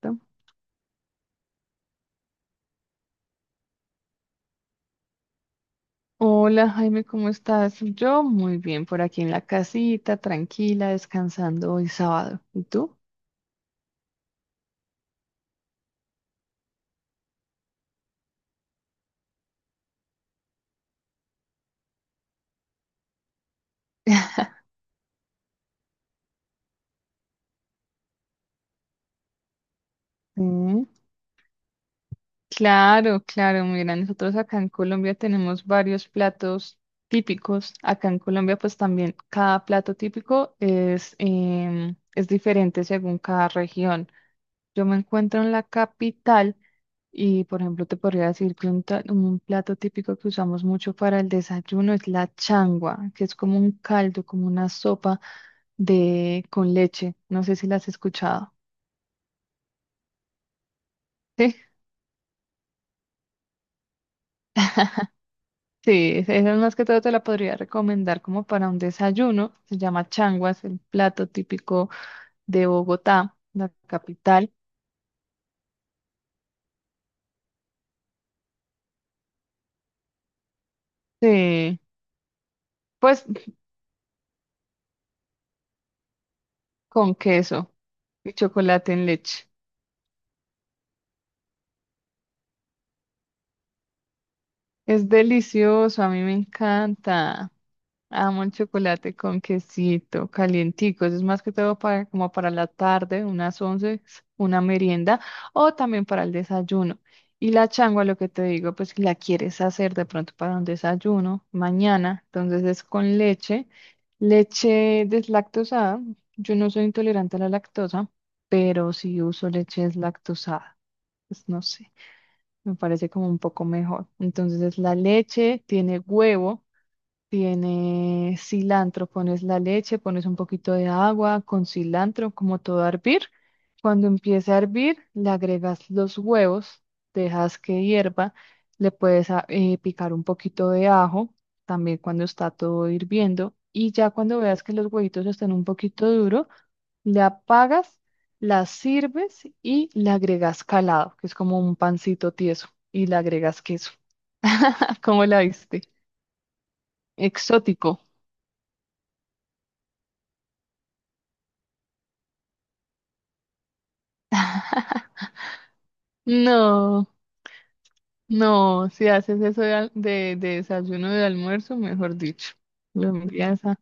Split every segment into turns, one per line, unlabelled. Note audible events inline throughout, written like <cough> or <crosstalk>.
Perfecto. Hola Jaime, ¿cómo estás? Yo muy bien, por aquí en la casita, tranquila, descansando hoy sábado. ¿Y tú? <laughs> Sí. Claro, claro, mira, nosotros acá en Colombia tenemos varios platos típicos. Acá en Colombia, pues también cada plato típico es, es diferente según cada región. Yo me encuentro en la capital y, por ejemplo, te podría decir que un plato típico que usamos mucho para el desayuno es la changua, que es como un caldo, como una sopa de con leche. No sé si la has escuchado. <laughs> Sí, esa más que todo te la podría recomendar como para un desayuno. Se llama changuas, el plato típico de Bogotá, la capital. Sí, pues con queso y chocolate en leche. Es delicioso, a mí me encanta. Amo el chocolate con quesito, calientico. Eso es más que todo para, como para la tarde, unas once, una merienda, o también para el desayuno. Y la changua, lo que te digo, pues si la quieres hacer de pronto para un desayuno mañana. Entonces es con leche, leche deslactosada. Yo no soy intolerante a la lactosa, pero sí uso leche deslactosada. Pues no sé, me parece como un poco mejor. Entonces es la leche, tiene huevo, tiene cilantro, pones la leche, pones un poquito de agua con cilantro, como todo a hervir. Cuando empiece a hervir, le agregas los huevos, dejas que hierva, le puedes picar un poquito de ajo, también cuando está todo hirviendo. Y ya cuando veas que los huevitos están un poquito duros, le apagas, la sirves y le agregas calado, que es como un pancito tieso, y le agregas queso. <laughs> ¿Cómo la viste? Exótico. <laughs> No, no, si haces eso de desayuno de almuerzo, mejor dicho, lo envías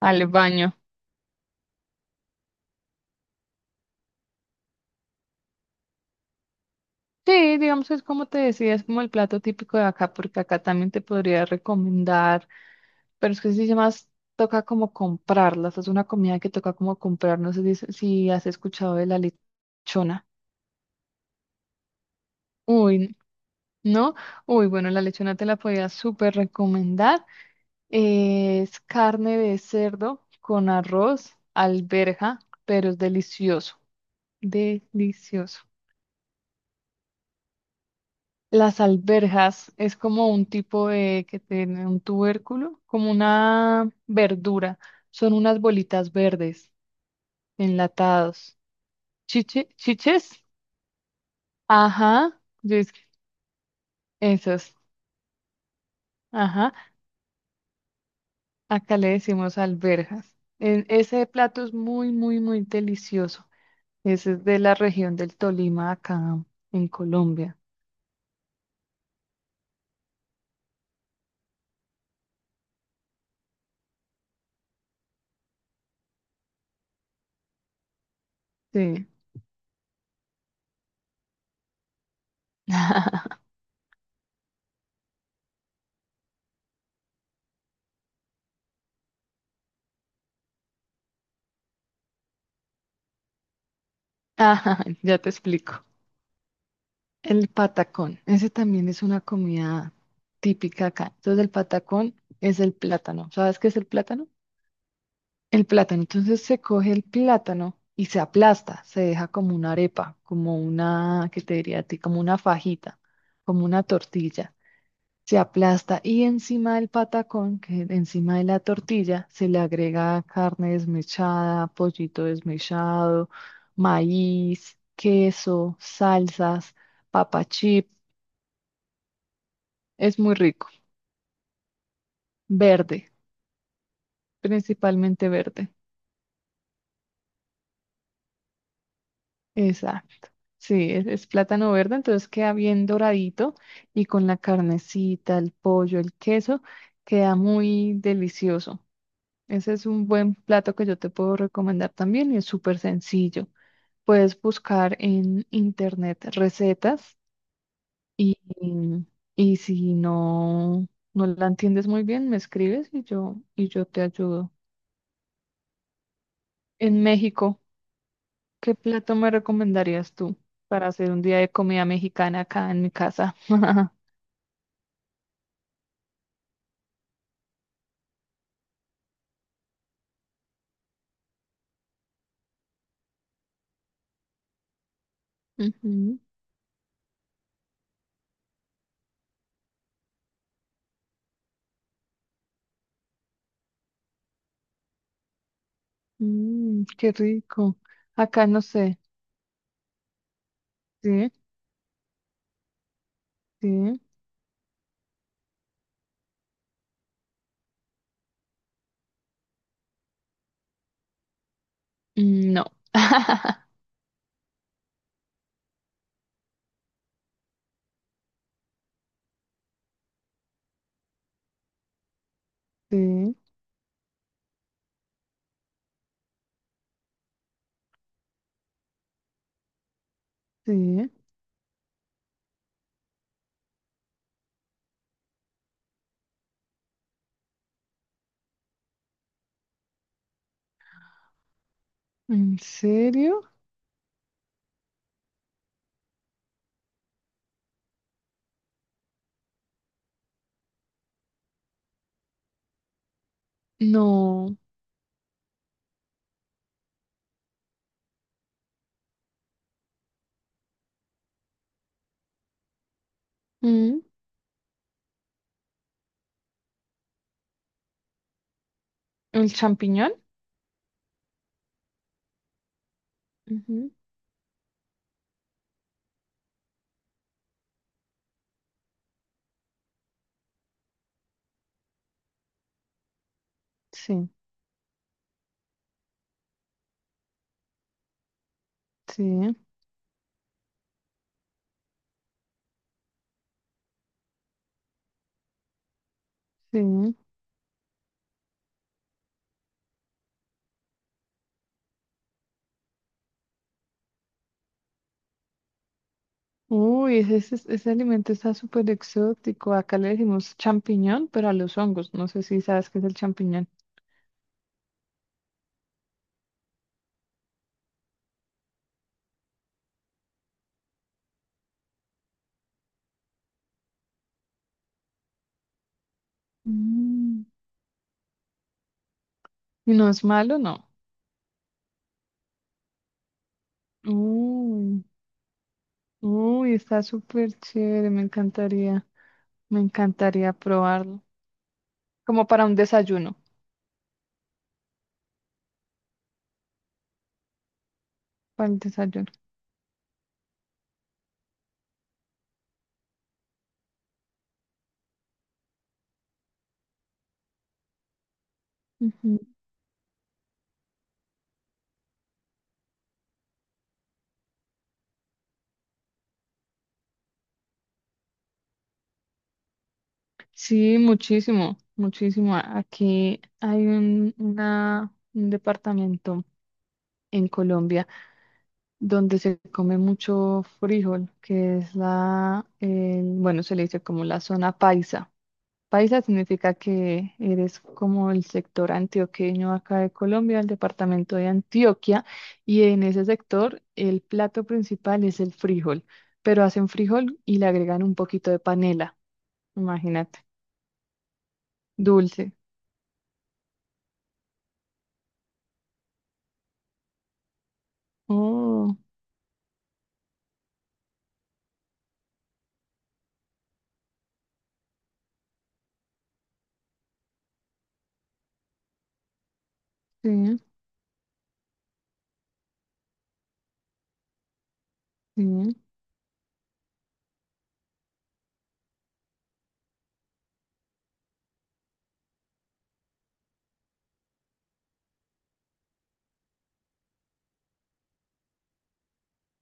al baño. Sí, digamos, es como te decía, es como el plato típico de acá, porque acá también te podría recomendar. Pero es que sí se más toca como comprarlas. Es una comida que toca como comprar. No sé si has escuchado de la lechona. Uy, ¿no? Uy, bueno, la lechona te la podía súper recomendar. Es carne de cerdo con arroz, alberja, pero es delicioso. Delicioso. Las alberjas es como un tipo de que tiene un tubérculo, como una verdura. Son unas bolitas verdes enlatados. Chiche, chiches, ajá, esas, ajá, acá le decimos alberjas. En- ese plato es muy, muy, muy delicioso. Ese es de la región del Tolima, acá en Colombia. Sí. <laughs> Ajá, ya te explico. El patacón, ese también es una comida típica acá. Entonces, el patacón es el plátano. ¿Sabes qué es el plátano? El plátano, entonces se coge el plátano y se aplasta, se deja como una arepa, como una, ¿qué te diría a ti? Como una fajita, como una tortilla. Se aplasta y encima del patacón, que encima de la tortilla, se le agrega carne desmechada, pollito desmechado, maíz, queso, salsas, papa chip. Es muy rico. Verde, principalmente verde. Exacto. Sí, es plátano verde, entonces queda bien doradito y con la carnecita, el pollo, el queso, queda muy delicioso. Ese es un buen plato que yo te puedo recomendar también y es súper sencillo. Puedes buscar en internet recetas y, y si no, no la entiendes muy bien, me escribes y yo te ayudo. En México, ¿qué plato me recomendarías tú para hacer un día de comida mexicana acá en mi casa? <laughs> Ujú. Mm, qué rico. Acá no sé. Sí, sí. Mm, no. <laughs> Sí, sí. ¿En serio? No. Mm, ¿el champiñón? Ujú. Sí, sí, sí. Uy, ese alimento está súper exótico. Acá le decimos champiñón, pero a los hongos. No sé si sabes qué es el champiñón. Mm. ¿Y no es malo? No. Uy, uy, está súper chévere. Me encantaría. Me encantaría probarlo. Como para un desayuno. Para el desayuno. Ujú. Sí, muchísimo, muchísimo. A- Aquí hay un departamento en Colombia donde se come mucho frijol, que es bueno, se le dice como la zona paisa. Paisa significa que eres como el sector antioqueño acá de Colombia, el departamento de Antioquia, y en ese sector el plato principal es el frijol, pero hacen frijol y le agregan un poquito de panela, imagínate, dulce. Oh, sí, sí,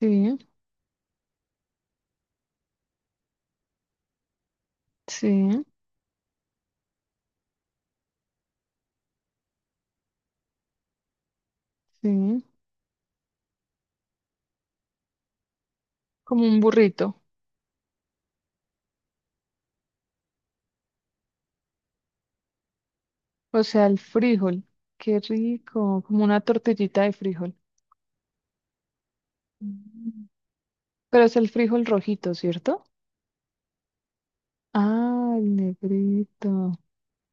sí, sí, sí, como un burrito, o sea, el frijol, qué rico, como una tortillita de frijol. Mm. Pero es el frijol rojito, ¿cierto? Ah, el negrito.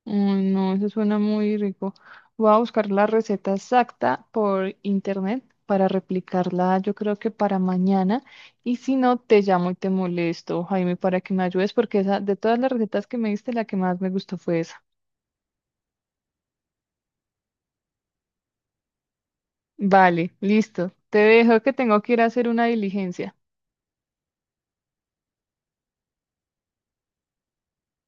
Ay, no, eso suena muy rico. Voy a buscar la receta exacta por internet para replicarla, yo creo que para mañana. Y si no, te llamo y te molesto, Jaime, para que me ayudes, porque esa, de todas las recetas que me diste, la que más me gustó fue esa. Vale, listo. Te dejo que tengo que ir a hacer una diligencia.